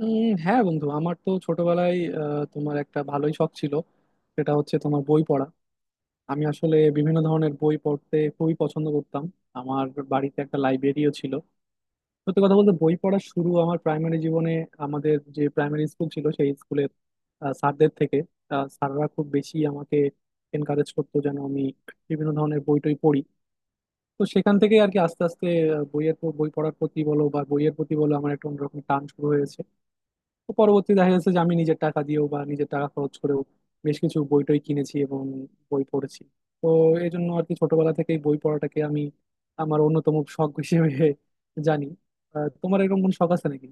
হ্যাঁ বন্ধু, আমার তো ছোটবেলায় তোমার একটা ভালোই শখ ছিল। সেটা হচ্ছে তোমার বই পড়া। আমি আসলে বিভিন্ন ধরনের বই পড়তে খুবই পছন্দ করতাম। আমার বাড়িতে একটা লাইব্রেরিও ছিল। সত্যি কথা বলতে, বই পড়া শুরু আমার প্রাইমারি জীবনে। আমাদের যে প্রাইমারি স্কুল ছিল সেই স্কুলের স্যারদের থেকে। স্যাররা খুব বেশি আমাকে এনকারেজ করতো যেন আমি বিভিন্ন ধরনের বই টই পড়ি। তো সেখান থেকে আর কি আস্তে আস্তে বই পড়ার প্রতি বলো বা বইয়ের প্রতি বলো, আমার একটা অন্যরকম টান শুরু হয়েছে। তো পরবর্তী দেখা যাচ্ছে যে আমি নিজের টাকা দিয়েও বা নিজের টাকা খরচ করেও বেশ কিছু বই টই কিনেছি এবং বই পড়েছি। তো এই জন্য আর কি ছোটবেলা থেকেই বই পড়াটাকে আমি আমার অন্যতম শখ হিসেবে জানি। তোমার এরকম কোনো শখ আছে নাকি?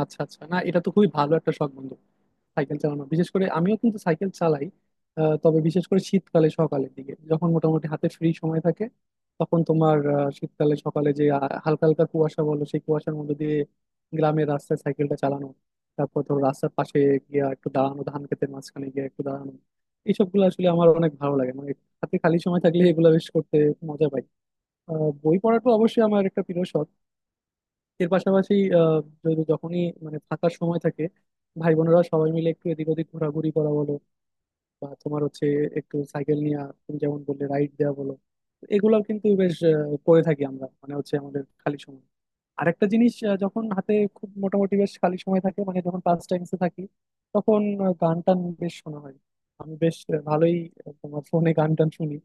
আচ্ছা আচ্ছা, না এটা তো খুবই ভালো একটা শখ বন্ধু। সাইকেল চালানো, বিশেষ করে আমিও কিন্তু সাইকেল চালাই। তবে বিশেষ করে শীতকালে সকালের দিকে যখন মোটামুটি হাতে ফ্রি সময় থাকে, তখন তোমার শীতকালে সকালে যে হালকা হালকা কুয়াশা বলো, সেই কুয়াশার মধ্যে দিয়ে গ্রামের রাস্তায় সাইকেলটা চালানো, তারপর ধরো রাস্তার পাশে গিয়ে একটু দাঁড়ানো, ধান ক্ষেতের মাঝখানে গিয়ে একটু দাঁড়ানো, এইসব গুলো আসলে আমার অনেক ভালো লাগে। মানে হাতে খালি সময় থাকলে এগুলো বেশ করতে মজা পাই। বই পড়াটা অবশ্যই আমার একটা প্রিয় শখ। এর পাশাপাশি যদি যখনই মানে ফাঁকা সময় থাকে, ভাই বোনেরা সবাই মিলে একটু এদিক ওদিক ঘোরাঘুরি করা বলো, বা তোমার হচ্ছে একটু সাইকেল নিয়ে তুমি যেমন বললে রাইড দেওয়া বলো, এগুলো কিন্তু বেশ করে থাকি আমরা মানে হচ্ছে আমাদের খালি সময়। আরেকটা জিনিস, যখন হাতে খুব মোটামুটি বেশ খালি সময় থাকে, মানে যখন পাস টাইমসে থাকি তখন গান টান বেশ শোনা হয়। আমি বেশ ভালোই তোমার ফোনে গান টান শুনি।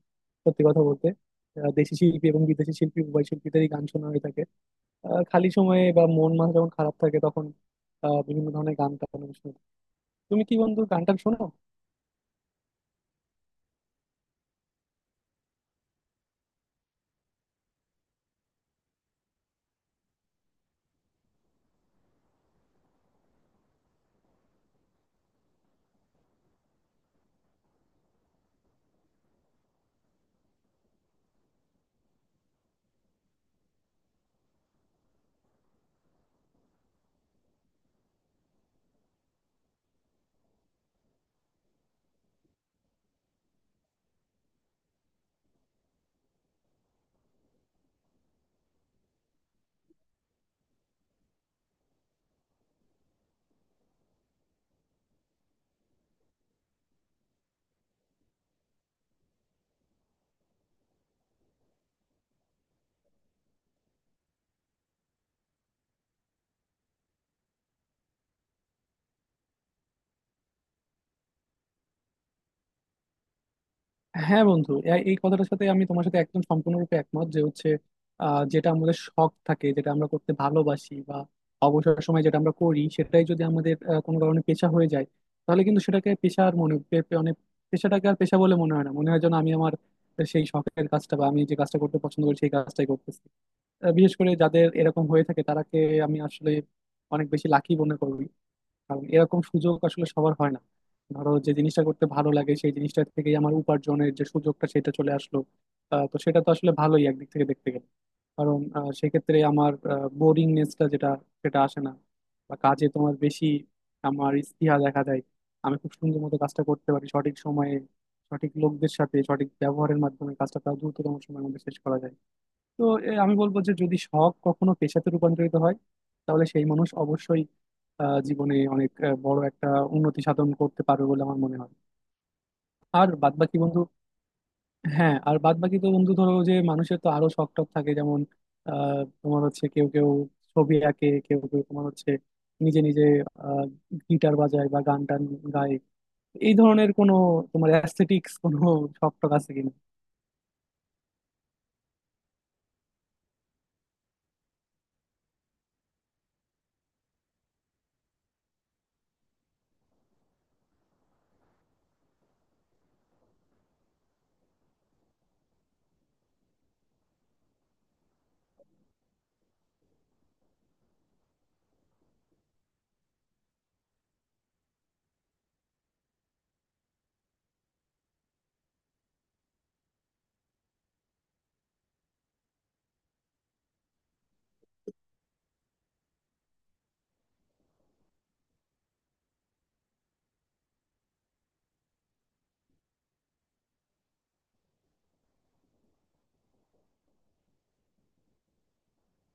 সত্যি কথা বলতে দেশি শিল্পী এবং বিদেশি শিল্পী উভয় শিল্পীদেরই গান শোনা হয়ে থাকে। খালি সময়ে বা মন মাঝে যখন খারাপ থাকে, তখন বিভিন্ন ধরনের গান টান আমি শুনি। তুমি কি বন্ধু গান টান শোনো? হ্যাঁ বন্ধু, এই কথাটার সাথে আমি তোমার সাথে একদম সম্পূর্ণরূপে একমত যে হচ্ছে যেটা আমাদের শখ থাকে, যেটা আমরা করতে ভালোবাসি বা অবসর সময় যেটা আমরা করি, সেটাই যদি আমাদের কোনো কারণে পেশা হয়ে যায়, তাহলে কিন্তু সেটাকে পেশার মনে পে- পে- মানে পেশাটাকে আর পেশা বলে মনে হয় না, মনে হয় যেন আমি আমার সেই শখের কাজটা বা আমি যে কাজটা করতে পছন্দ করি সেই কাজটাই করতেছি। বিশেষ করে যাদের এরকম হয়ে থাকে তারাকে আমি আসলে অনেক বেশি লাকি মনে করি, কারণ এরকম সুযোগ আসলে সবার হয় না। ধরো, যে জিনিসটা করতে ভালো লাগে সেই জিনিসটা থেকেই আমার উপার্জনের যে সুযোগটা, সেটা চলে আসলো। তো সেটা তো আসলে ভালোই একদিক থেকে দেখতে গেলে, কারণ সেক্ষেত্রে আমার বোরিংনেসটা যেটা, সেটা আসে না, বা কাজে তোমার বেশি আমার স্পৃহা দেখা দেয়। আমি খুব সুন্দর মতো কাজটা করতে পারি সঠিক সময়ে, সঠিক লোকদের সাথে সঠিক ব্যবহারের মাধ্যমে কাজটা প্রায় দ্রুততম সময়ের মধ্যে শেষ করা যায়। তো আমি বলবো যে যদি শখ কখনো পেশাতে রূপান্তরিত হয়, তাহলে সেই মানুষ অবশ্যই জীবনে অনেক বড় একটা উন্নতি সাধন করতে পারবে বলে আমার মনে হয়। আর বাদবাকি বন্ধু, হ্যাঁ আর বাদবাকি তো বন্ধু, ধরো যে মানুষের তো আরো শখ টখ থাকে। যেমন তোমার হচ্ছে কেউ কেউ ছবি আঁকে, কেউ কেউ তোমার হচ্ছে নিজে নিজে আহ, গিটার বাজায় বা গান টান গায়। এই ধরনের কোনো তোমার অ্যাস্থেটিক্স কোনো শখ টখ আছে কিনা?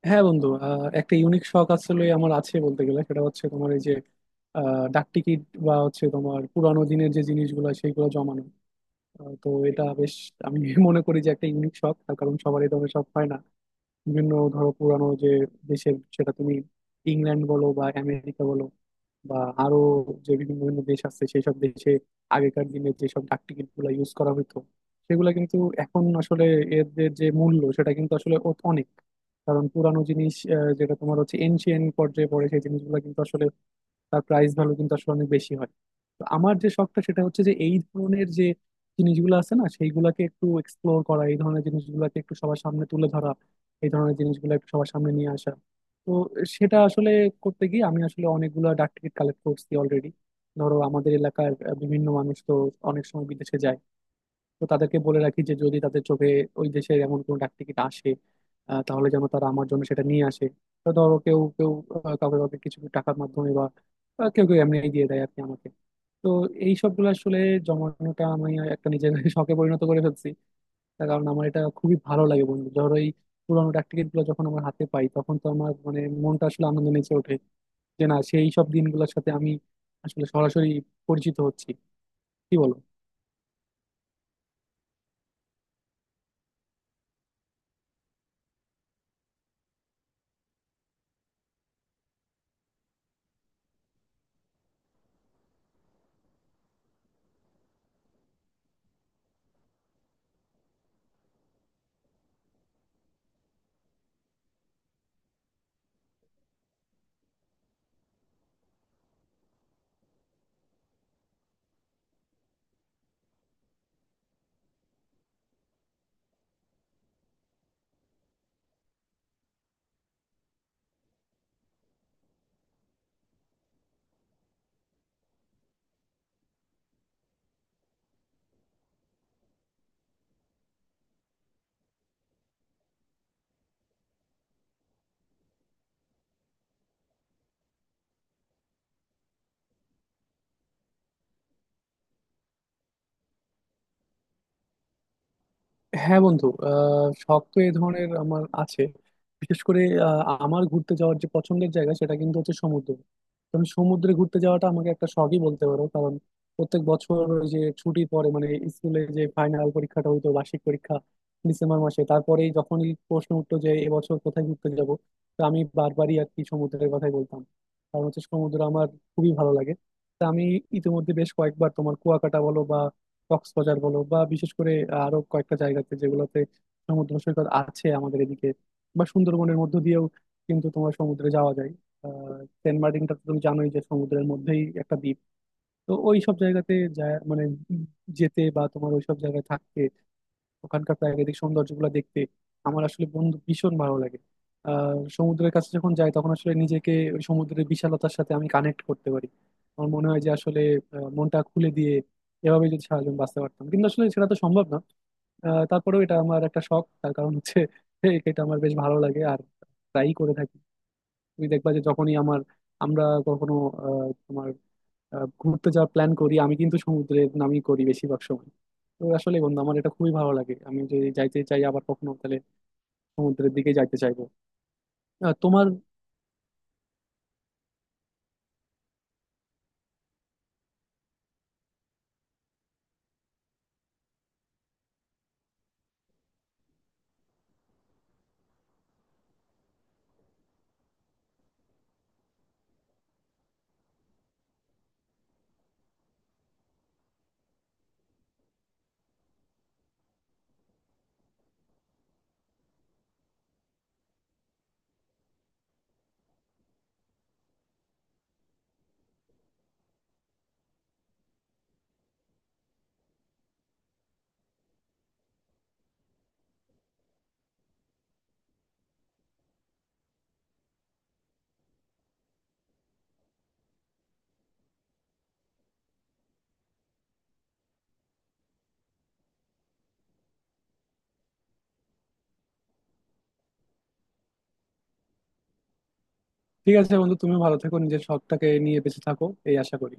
হ্যাঁ বন্ধু, একটা ইউনিক শখ আসলে আমার আছে বলতে গেলে। সেটা হচ্ছে তোমার এই যে ডাক টিকিট বা হচ্ছে তোমার পুরানো দিনের যে জিনিসগুলো সেইগুলো জমানো। তো এটা বেশ আমি মনে করি যে একটা ইউনিক শখ। তার কারণ সবারই তো সব হয় না। বিভিন্ন ধরো পুরানো যে দেশের, সেটা তুমি ইংল্যান্ড বলো বা আমেরিকা বলো বা আরো যে বিভিন্ন বিভিন্ন দেশ আছে সেই সব দেশে আগেকার দিনে যেসব ডাক টিকিট গুলা ইউজ করা হতো, সেগুলা কিন্তু এখন আসলে এর এর যে মূল্য সেটা কিন্তু আসলে অনেক। কারণ পুরানো জিনিস যেটা তোমার হচ্ছে এনশিয়েন্ট পর্যায়ে পড়ে সেই জিনিসগুলো কিন্তু আসলে তার প্রাইস ভ্যালু কিন্তু আসলে অনেক বেশি হয়। তো আমার যে শখটা, সেটা হচ্ছে যে এই ধরনের যে জিনিসগুলো আছে না সেইগুলোকে একটু এক্সপ্লোর করা, এই ধরনের জিনিসগুলোকে একটু সবার সামনে তুলে ধরা, এই ধরনের জিনিসগুলো একটু সবার সামনে নিয়ে আসা। তো সেটা আসলে করতে গিয়ে আমি আসলে অনেকগুলো ডাক টিকিট কালেক্ট করছি অলরেডি। ধরো আমাদের এলাকার বিভিন্ন মানুষ তো অনেক সময় বিদেশে যায়, তো তাদেরকে বলে রাখি যে যদি তাদের চোখে ওই দেশের এমন কোনো ডাক টিকিট আসে, তাহলে যেন তারা আমার জন্য সেটা নিয়ে আসে। তো ধরো কেউ কেউ কাউকে কাউকে কিছু টাকার মাধ্যমে বা কেউ কেউ এমনি দিয়ে দেয় আর কি আমাকে। তো এই সবগুলো আসলে জমানোটা আমি একটা নিজের শখে পরিণত করে ফেলছি। তার কারণ আমার এটা খুবই ভালো লাগে বন্ধু। ধরো এই পুরানো ডাক টিকিট গুলো যখন আমার হাতে পাই, তখন তো আমার মানে মনটা আসলে আনন্দ নেচে ওঠে যে না সেই সব দিনগুলোর সাথে আমি আসলে সরাসরি পরিচিত হচ্ছি। কি বলো? হ্যাঁ বন্ধু, শখ তো এই ধরনের আমার আছে। বিশেষ করে আমার ঘুরতে যাওয়ার যে পছন্দের জায়গা, সেটা কিন্তু হচ্ছে সমুদ্র। তো আমি সমুদ্রে ঘুরতে যাওয়াটা আমাকে একটা শখই বলতে পারো, কারণ প্রত্যেক বছর ওই যে ছুটির পরে, মানে স্কুলে যে ফাইনাল পরীক্ষাটা হইতো বার্ষিক পরীক্ষা ডিসেম্বর মাসে, তারপরেই যখনই প্রশ্ন উঠতো যে এবছর কোথায় ঘুরতে যাব, তো আমি বারবারই আর কি সমুদ্রের কথাই বলতাম। কারণ হচ্ছে সমুদ্র আমার খুবই ভালো লাগে। তা আমি ইতিমধ্যে বেশ কয়েকবার তোমার কুয়াকাটা বলো, কক্সবাজার বলো, বা বিশেষ করে আরো কয়েকটা জায়গাতে যেগুলোতে সমুদ্র সৈকত আছে আমাদের এদিকে, বা সুন্দরবনের মধ্য দিয়েও কিন্তু তোমার সমুদ্রে যাওয়া যায়। আহ সেন্ট মার্টিনটা তো তুমি জানোই যে সমুদ্রের মধ্যেই একটা দ্বীপ। তো ওই সব জায়গাতে যায় মানে যেতে বা তোমার ওই সব জায়গায় থাকতে ওখানকার প্রাকৃতিক সৌন্দর্যগুলো দেখতে আমার আসলে বন্ধু ভীষণ ভালো লাগে। আর সমুদ্রের কাছে যখন যাই, তখন আসলে নিজেকে ওই সমুদ্রের বিশালতার সাথে আমি কানেক্ট করতে পারি। আমার মনে হয় যে আসলে মনটা খুলে দিয়ে এভাবে যদি সারাজীবন বাঁচতে পারতাম, কিন্তু আসলে সেটা তো সম্ভব না। তারপরেও এটা আমার একটা শখ তার কারণ হচ্ছে এই এটা আমার বেশ ভালো লাগে আর ট্রাই করে থাকি। তুমি দেখবা যে যখনই আমার আমরা কখনো তোমার ঘুরতে যাওয়ার প্ল্যান করি আমি কিন্তু সমুদ্রে নামই করি বেশিরভাগ সময়। তো আসলে বন্ধু আমার এটা খুবই ভালো লাগে। আমি যদি যাইতে চাই আবার কখনো, তাহলে সমুদ্রের দিকে যাইতে চাইবো। আহ, তোমার ঠিক আছে বন্ধু, তুমি ভালো থেকো, নিজের শখটাকে নিয়ে বেঁচে থাকো এই আশা করি।